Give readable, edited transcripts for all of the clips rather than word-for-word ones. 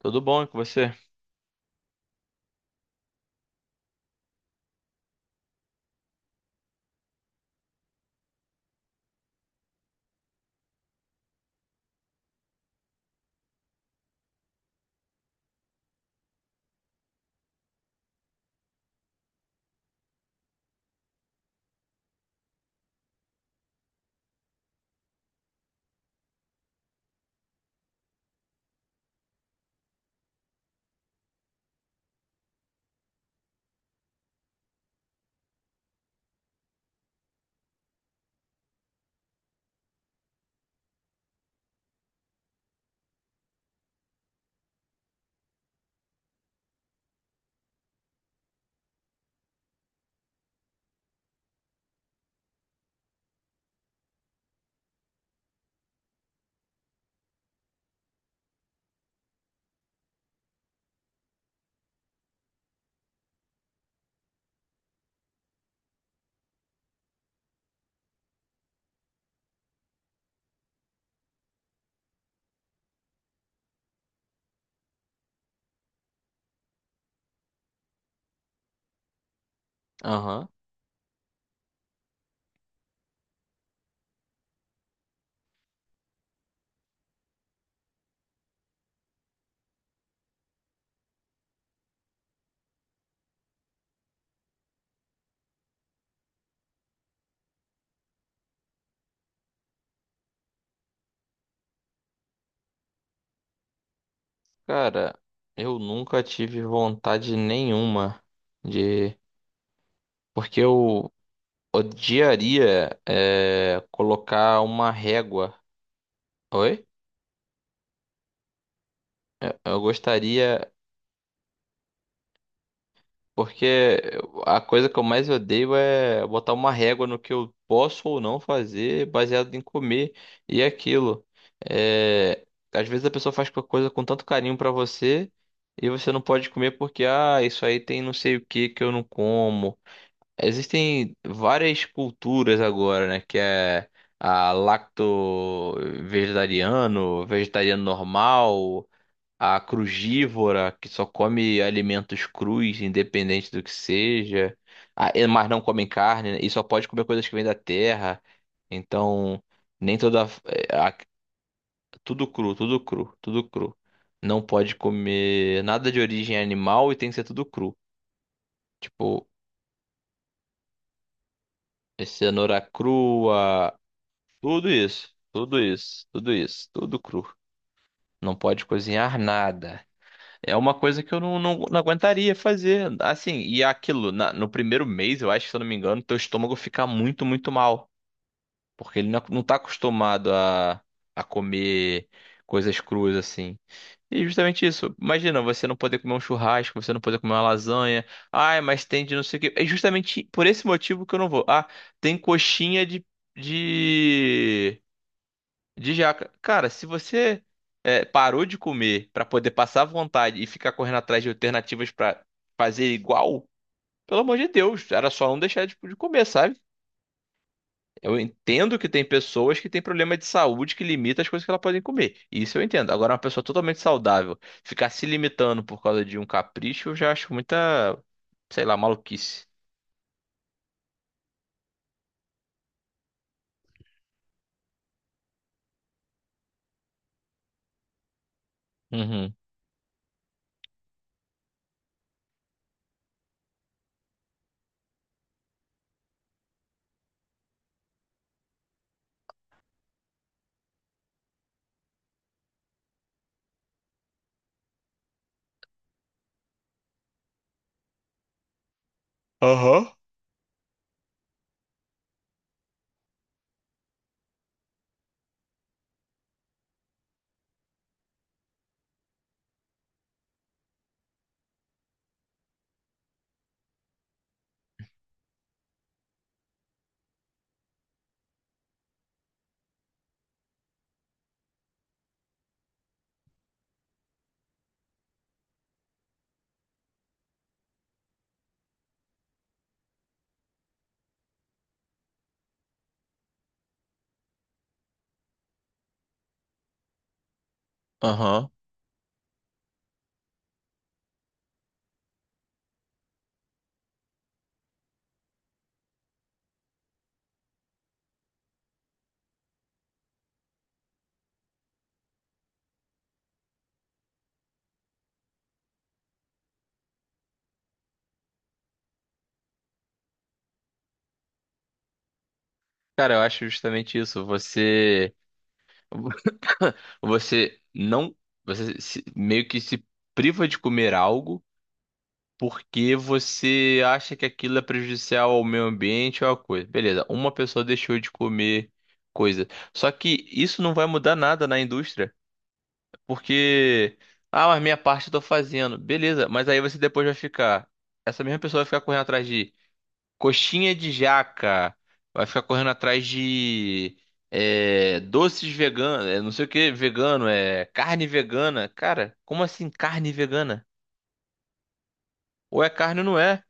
Tudo bom e com você? Aham. Cara, eu nunca tive vontade nenhuma de. Porque eu odiaria colocar uma régua. Oi? Eu gostaria. Porque a coisa que eu mais odeio é botar uma régua no que eu posso ou não fazer baseado em comer e aquilo. É, às vezes a pessoa faz uma coisa com tanto carinho pra você e você não pode comer porque, ah, isso aí tem não sei o que que eu não como. Existem várias culturas agora, né? Que é a lacto-vegetariano, vegetariano normal, a crugívora que só come alimentos crus, independente do que seja, mas não comem carne, né, e só pode comer coisas que vêm da terra. Então, nem toda é, a- tudo cru, tudo cru, tudo cru. Não pode comer nada de origem animal e tem que ser tudo cru. Tipo, cenoura crua, tudo isso, tudo isso, tudo isso, tudo cru. Não pode cozinhar nada. É uma coisa que eu não aguentaria fazer. Assim, e aquilo, no primeiro mês, eu acho, se eu não me engano, teu estômago fica muito, muito mal. Porque ele não tá acostumado a comer coisas cruas, assim. E justamente isso. Imagina, você não poder comer um churrasco, você não poder comer uma lasanha. Ai, mas tem de não sei o quê. É justamente por esse motivo que eu não vou. Ah, tem coxinha de, de de jaca. Cara, se você parou de comer pra poder passar vontade e ficar correndo atrás de alternativas pra fazer igual, pelo amor de Deus, era só não deixar tipo, de comer, sabe? Eu entendo que tem pessoas que têm problema de saúde que limita as coisas que elas podem comer. Isso eu entendo. Agora, uma pessoa totalmente saudável ficar se limitando por causa de um capricho, eu já acho muita, sei lá, maluquice. Uhum. Aham. Aham. Cara, eu acho justamente isso. Você. Você não, você se- Meio que se priva de comer algo porque você acha que aquilo é prejudicial ao meio ambiente ou a coisa. Beleza, uma pessoa deixou de comer coisa. Só que isso não vai mudar nada na indústria, porque mas minha parte eu tô fazendo. Beleza, mas aí você depois vai ficar, essa mesma pessoa vai ficar correndo atrás de coxinha de jaca. Vai ficar correndo atrás de doces veganos. É, não sei o que, vegano. É carne vegana. Cara, como assim carne vegana? Ou é carne ou não é?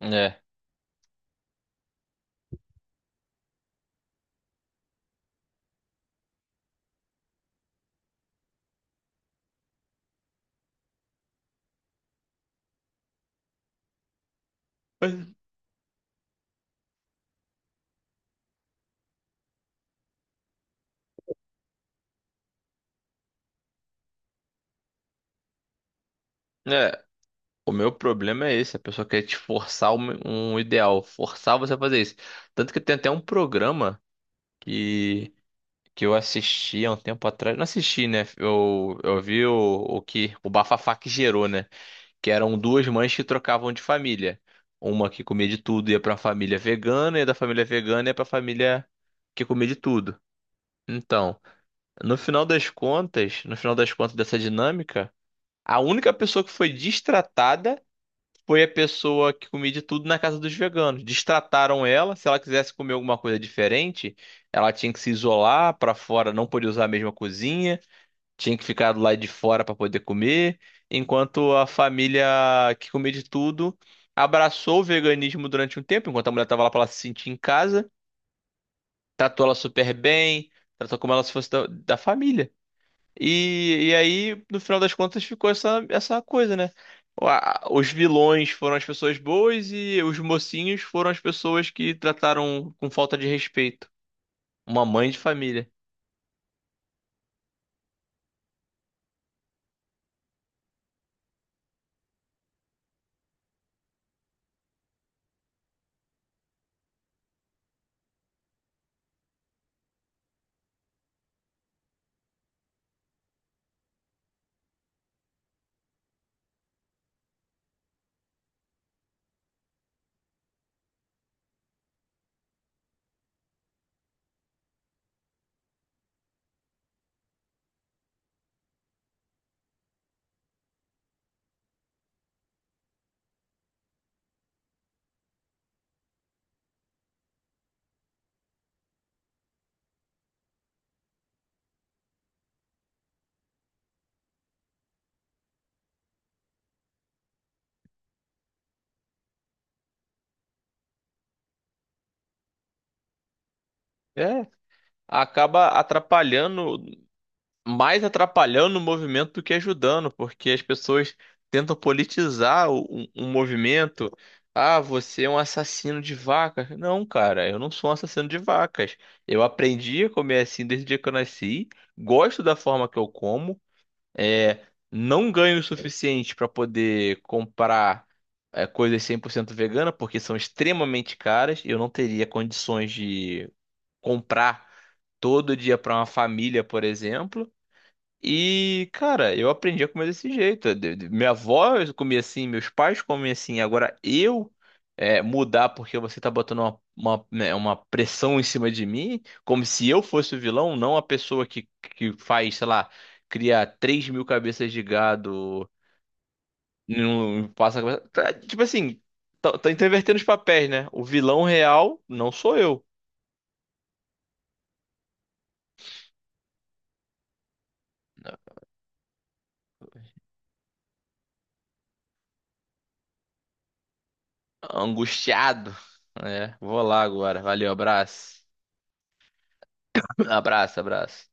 É. É. O meu problema é esse. A pessoa quer te forçar um ideal. Forçar você a fazer isso. Tanto que tem até um programa que, que eu assisti há um tempo atrás. Não assisti, né? Eu vi o que o bafafá que gerou, né? Que eram duas mães que trocavam de família. Uma que comia de tudo ia pra família vegana, e da família vegana ia pra família que comia de tudo. Então, no final das contas, no final das contas dessa dinâmica, a única pessoa que foi destratada foi a pessoa que comia de tudo na casa dos veganos. Destrataram ela, se ela quisesse comer alguma coisa diferente, ela tinha que se isolar pra fora, não podia usar a mesma cozinha, tinha que ficar do lado de fora para poder comer, enquanto a família que comia de tudo abraçou o veganismo durante um tempo, enquanto a mulher estava lá para ela se sentir em casa, tratou ela super bem, tratou como ela se fosse da família. E aí, no final das contas, ficou essa coisa, né? Os vilões foram as pessoas boas e os mocinhos foram as pessoas que trataram com falta de respeito. Uma mãe de família. É, acaba atrapalhando mais atrapalhando o movimento do que ajudando, porque as pessoas tentam politizar o movimento. Ah, você é um assassino de vacas. Não, cara, eu não sou um assassino de vacas. Eu aprendi a comer assim desde o dia que eu nasci. Gosto da forma que eu como. É, não ganho o suficiente para poder comprar coisas 100% vegana, porque são extremamente caras. Eu não teria condições de comprar todo dia para uma família, por exemplo. E, cara, eu aprendi a comer desse jeito. Minha avó comia assim, meus pais comem assim. Agora eu mudar porque você tá botando uma, né, uma pressão em cima de mim, como se eu fosse o vilão, não a pessoa que, faz, sei lá, cria 3 mil cabeças de gado, não passa. Tá, tipo assim, tá intervertendo os papéis, né? O vilão real não sou eu. Angustiado. É, vou lá agora. Valeu, abraço. Abraço, abraço.